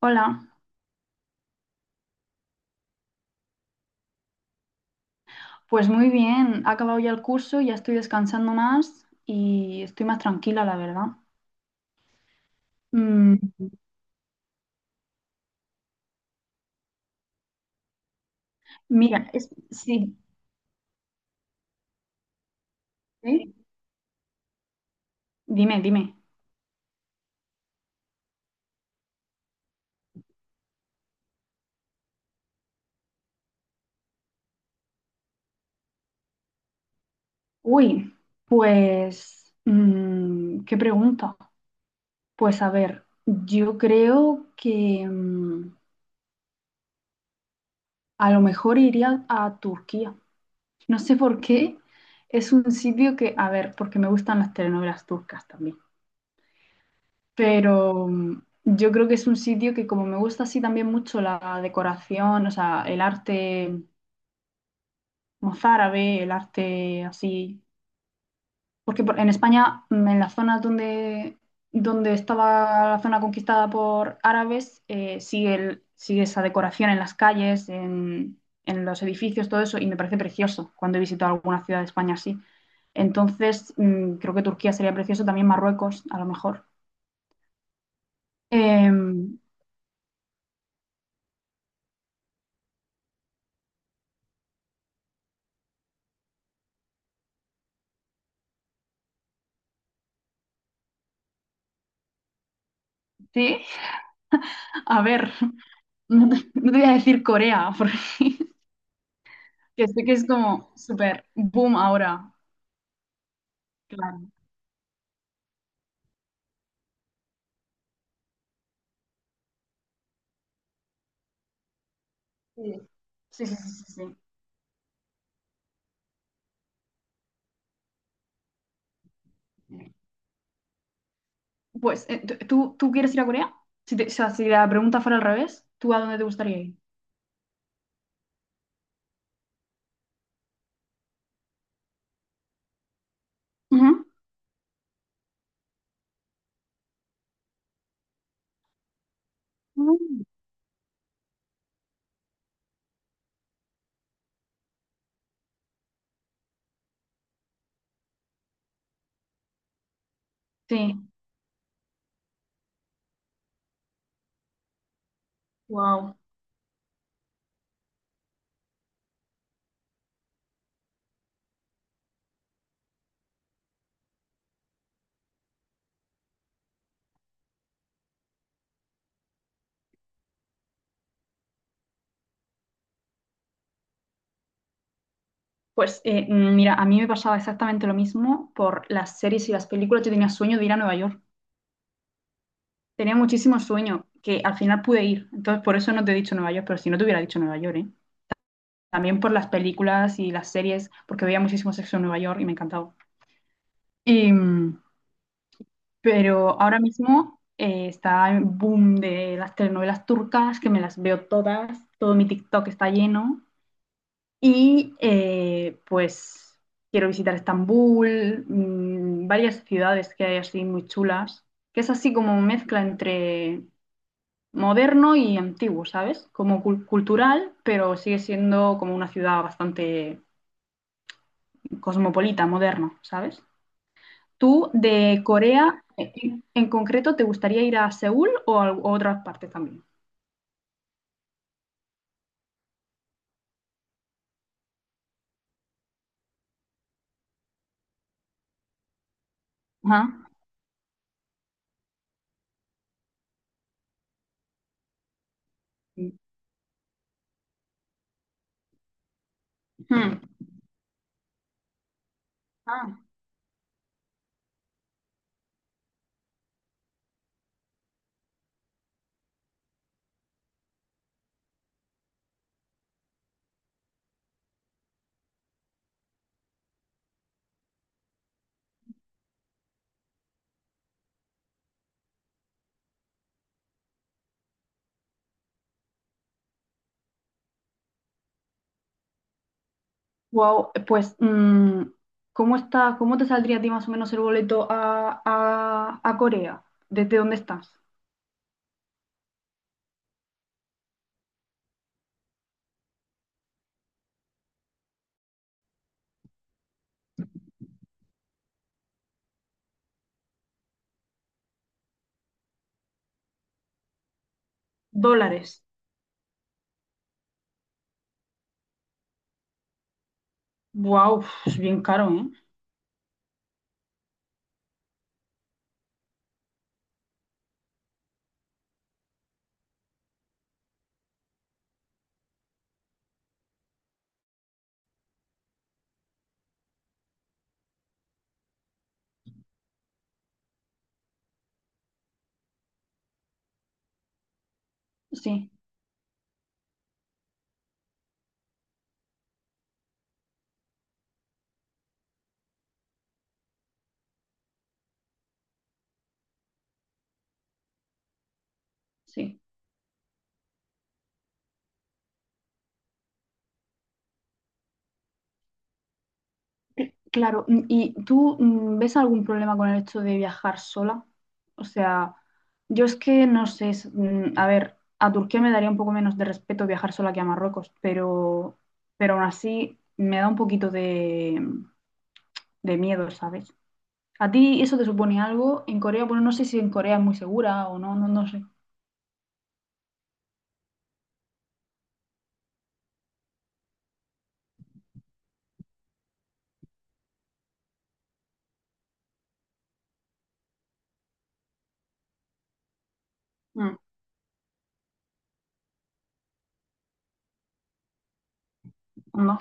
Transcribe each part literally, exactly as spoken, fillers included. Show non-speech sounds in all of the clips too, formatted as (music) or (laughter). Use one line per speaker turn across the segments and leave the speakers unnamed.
Hola, pues muy bien, ha acabado ya el curso, ya estoy descansando más y estoy más tranquila, la verdad. Mm, mira, es- sí, ¿sí? Dime, dime. Uy, pues, mm, ¿qué pregunta? Pues a ver, yo creo que mm, a lo mejor iría a Turquía. No sé por qué, es un sitio que, a ver, porque me gustan las telenovelas turcas también. Pero mm, yo creo que es un sitio que como me gusta así también mucho la decoración, o sea, el arte mozárabe, el arte así, porque por- en España, mm, en las zonas donde, donde estaba la zona conquistada por árabes, eh, sigue, el- sigue esa decoración en las calles, en, en los edificios, todo eso, y me parece precioso cuando he visitado alguna ciudad de España así. Entonces, mm, creo que Turquía sería precioso, también Marruecos, a lo mejor. Em, sí, (laughs) a ver. No te, (laughs) no te voy a decir Corea, (laughs) porque sé que es como súper boom ahora. Claro. Sí. Sí, sí, sí, sí, sí. Pues, eh, t- ¿tú, tú quieres ir a Corea? Si te- o sea, si la pregunta fuera al revés, ¿tú a dónde te gustaría ir? Ujú. Mm. Sí, wow. Pues eh, mm, mira, a mí me pasaba exactamente lo mismo por las series y las películas. Yo tenía sueño de ir a Nueva York. Tenía muchísimo sueño que al final pude ir. Entonces, por eso no te he dicho Nueva York, pero si no te hubiera dicho Nueva York, ¿eh? También por las películas y las series, porque veía muchísimo sexo en Nueva York y me encantaba. Y, mm, pero ahora mismo eh, está el boom de las telenovelas turcas, que me las veo todas, todo mi TikTok está lleno. Y eh, pues quiero visitar Estambul, mm, varias ciudades que hay así muy chulas, que es así como mezcla entre moderno y antiguo, ¿sabes? Como cul- cultural, pero sigue siendo como una ciudad bastante cosmopolita, moderno, ¿sabes? ¿Tú de Corea en, en concreto te gustaría ir a Seúl o a, o a otras partes también? Ajá. Hmm. Ah, wow, pues mm, ¿cómo está, cómo te saldría a ti más o menos el boleto a, a- a Corea? ¿Desde dónde estás? Dólares. Wow, es bien caro, ¿eh? Sí, sí. Claro, mm, ¿y tú mm, ves algún problema con el hecho de viajar sola? O sea, yo es que no sé, es- mm, a ver, a Turquía me daría un poco menos de respeto viajar sola que a Marruecos, pero, pero aún así me da un poquito de, de miedo, ¿sabes? ¿A ti eso te supone algo? En Corea, bueno, no sé si en Corea es muy segura o no, no, no sé. Mm, ¿no?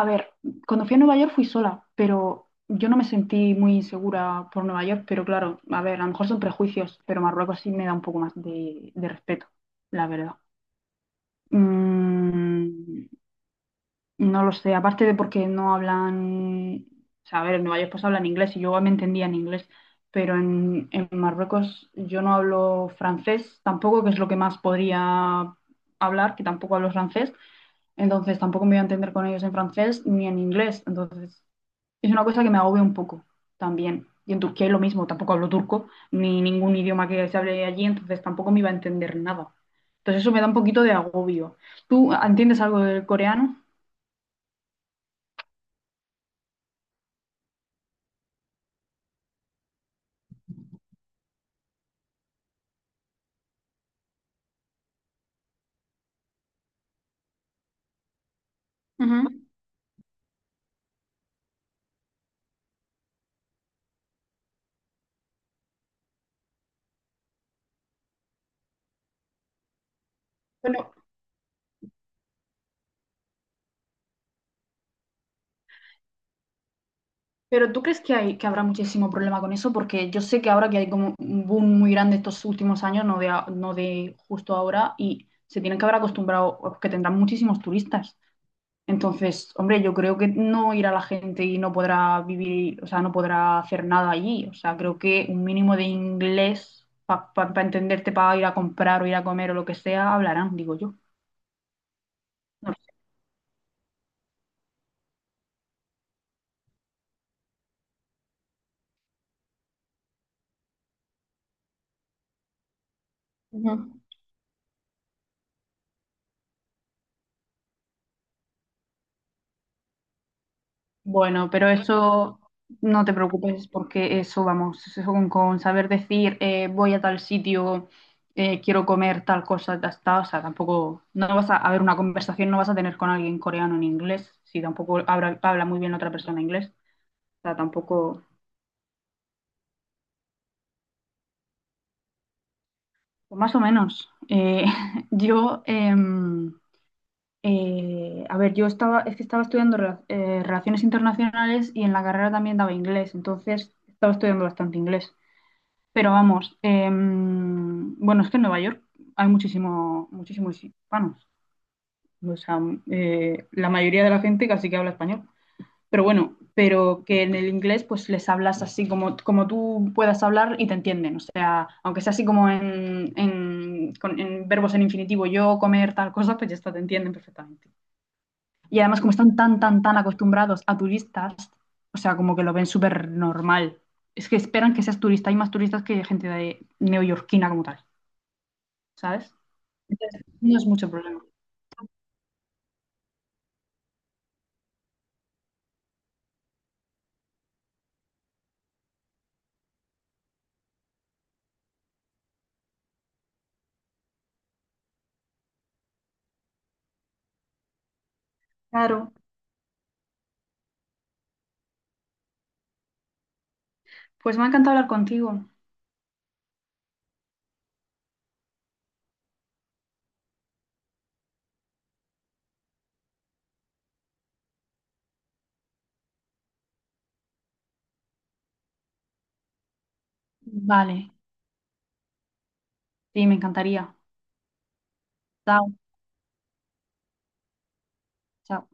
A ver, cuando fui a Nueva York fui sola, pero yo no me sentí muy insegura por Nueva York, pero claro, a ver, a lo mejor son prejuicios, pero Marruecos sí me da un poco más de, de respeto, la verdad. Mm, no lo sé, aparte de porque no hablan, o sea, a ver, en Nueva York pues hablan inglés y yo me entendía en inglés, pero en, en Marruecos yo no hablo francés tampoco, que es lo que más podría hablar, que tampoco hablo francés, entonces tampoco me voy a entender con ellos en francés ni en inglés, entonces es una cosa que me agobia un poco también. Y en Turquía es lo mismo, tampoco hablo turco, ni ningún idioma que se hable allí, entonces tampoco me iba a entender nada. Entonces eso me da un poquito de agobio. ¿Tú entiendes algo del coreano? Ujú. Bueno, pero ¿tú crees que hay, que habrá muchísimo problema con eso? Porque yo sé que ahora que hay como un boom muy grande estos últimos años, no de, a- no de justo ahora, y se tienen que haber acostumbrado, o que tendrán muchísimos turistas. Entonces, hombre, yo creo que no irá la gente y no podrá vivir, o sea, no podrá hacer nada allí. O sea, creo que un mínimo de inglés para entenderte, para ir a comprar o ir a comer o lo que sea, hablarán, digo yo. No lo sé. Ujú. Bueno, pero eso no te preocupes porque eso, vamos, eso con, con saber decir eh, voy a tal sitio, eh, quiero comer tal cosa, ya está, o sea, tampoco, no vas a, a ver una conversación, no vas a tener con alguien coreano en inglés, si tampoco habla, habla muy bien otra persona inglés. Sea, tampoco, o más o menos. Eh, (laughs) yo, em, eh, a ver, yo estaba, es que estaba estudiando rela- eh, relaciones internacionales y en la carrera también daba inglés, entonces estaba estudiando bastante inglés. Pero vamos, em, bueno, es que en Nueva York hay muchísimo, muchísimos hispanos. O sea, eh, la mayoría de la gente casi que habla español. Pero bueno, pero que en el inglés pues les hablas así como, como tú puedas hablar y te entienden. O sea, aunque sea así como en, en, con- en verbos en infinitivo, yo comer tal cosa, pues ya está, te entienden perfectamente. Y además como están tan, tan, tan acostumbrados a turistas, o sea, como que lo ven súper normal. Es que esperan que seas turista. Hay más turistas que gente de neoyorquina como tal, ¿sabes? Entonces, no es mucho problema. Claro. Pues me ha encantado hablar contigo. Vale. Sí, me encantaría. Chao. Chao.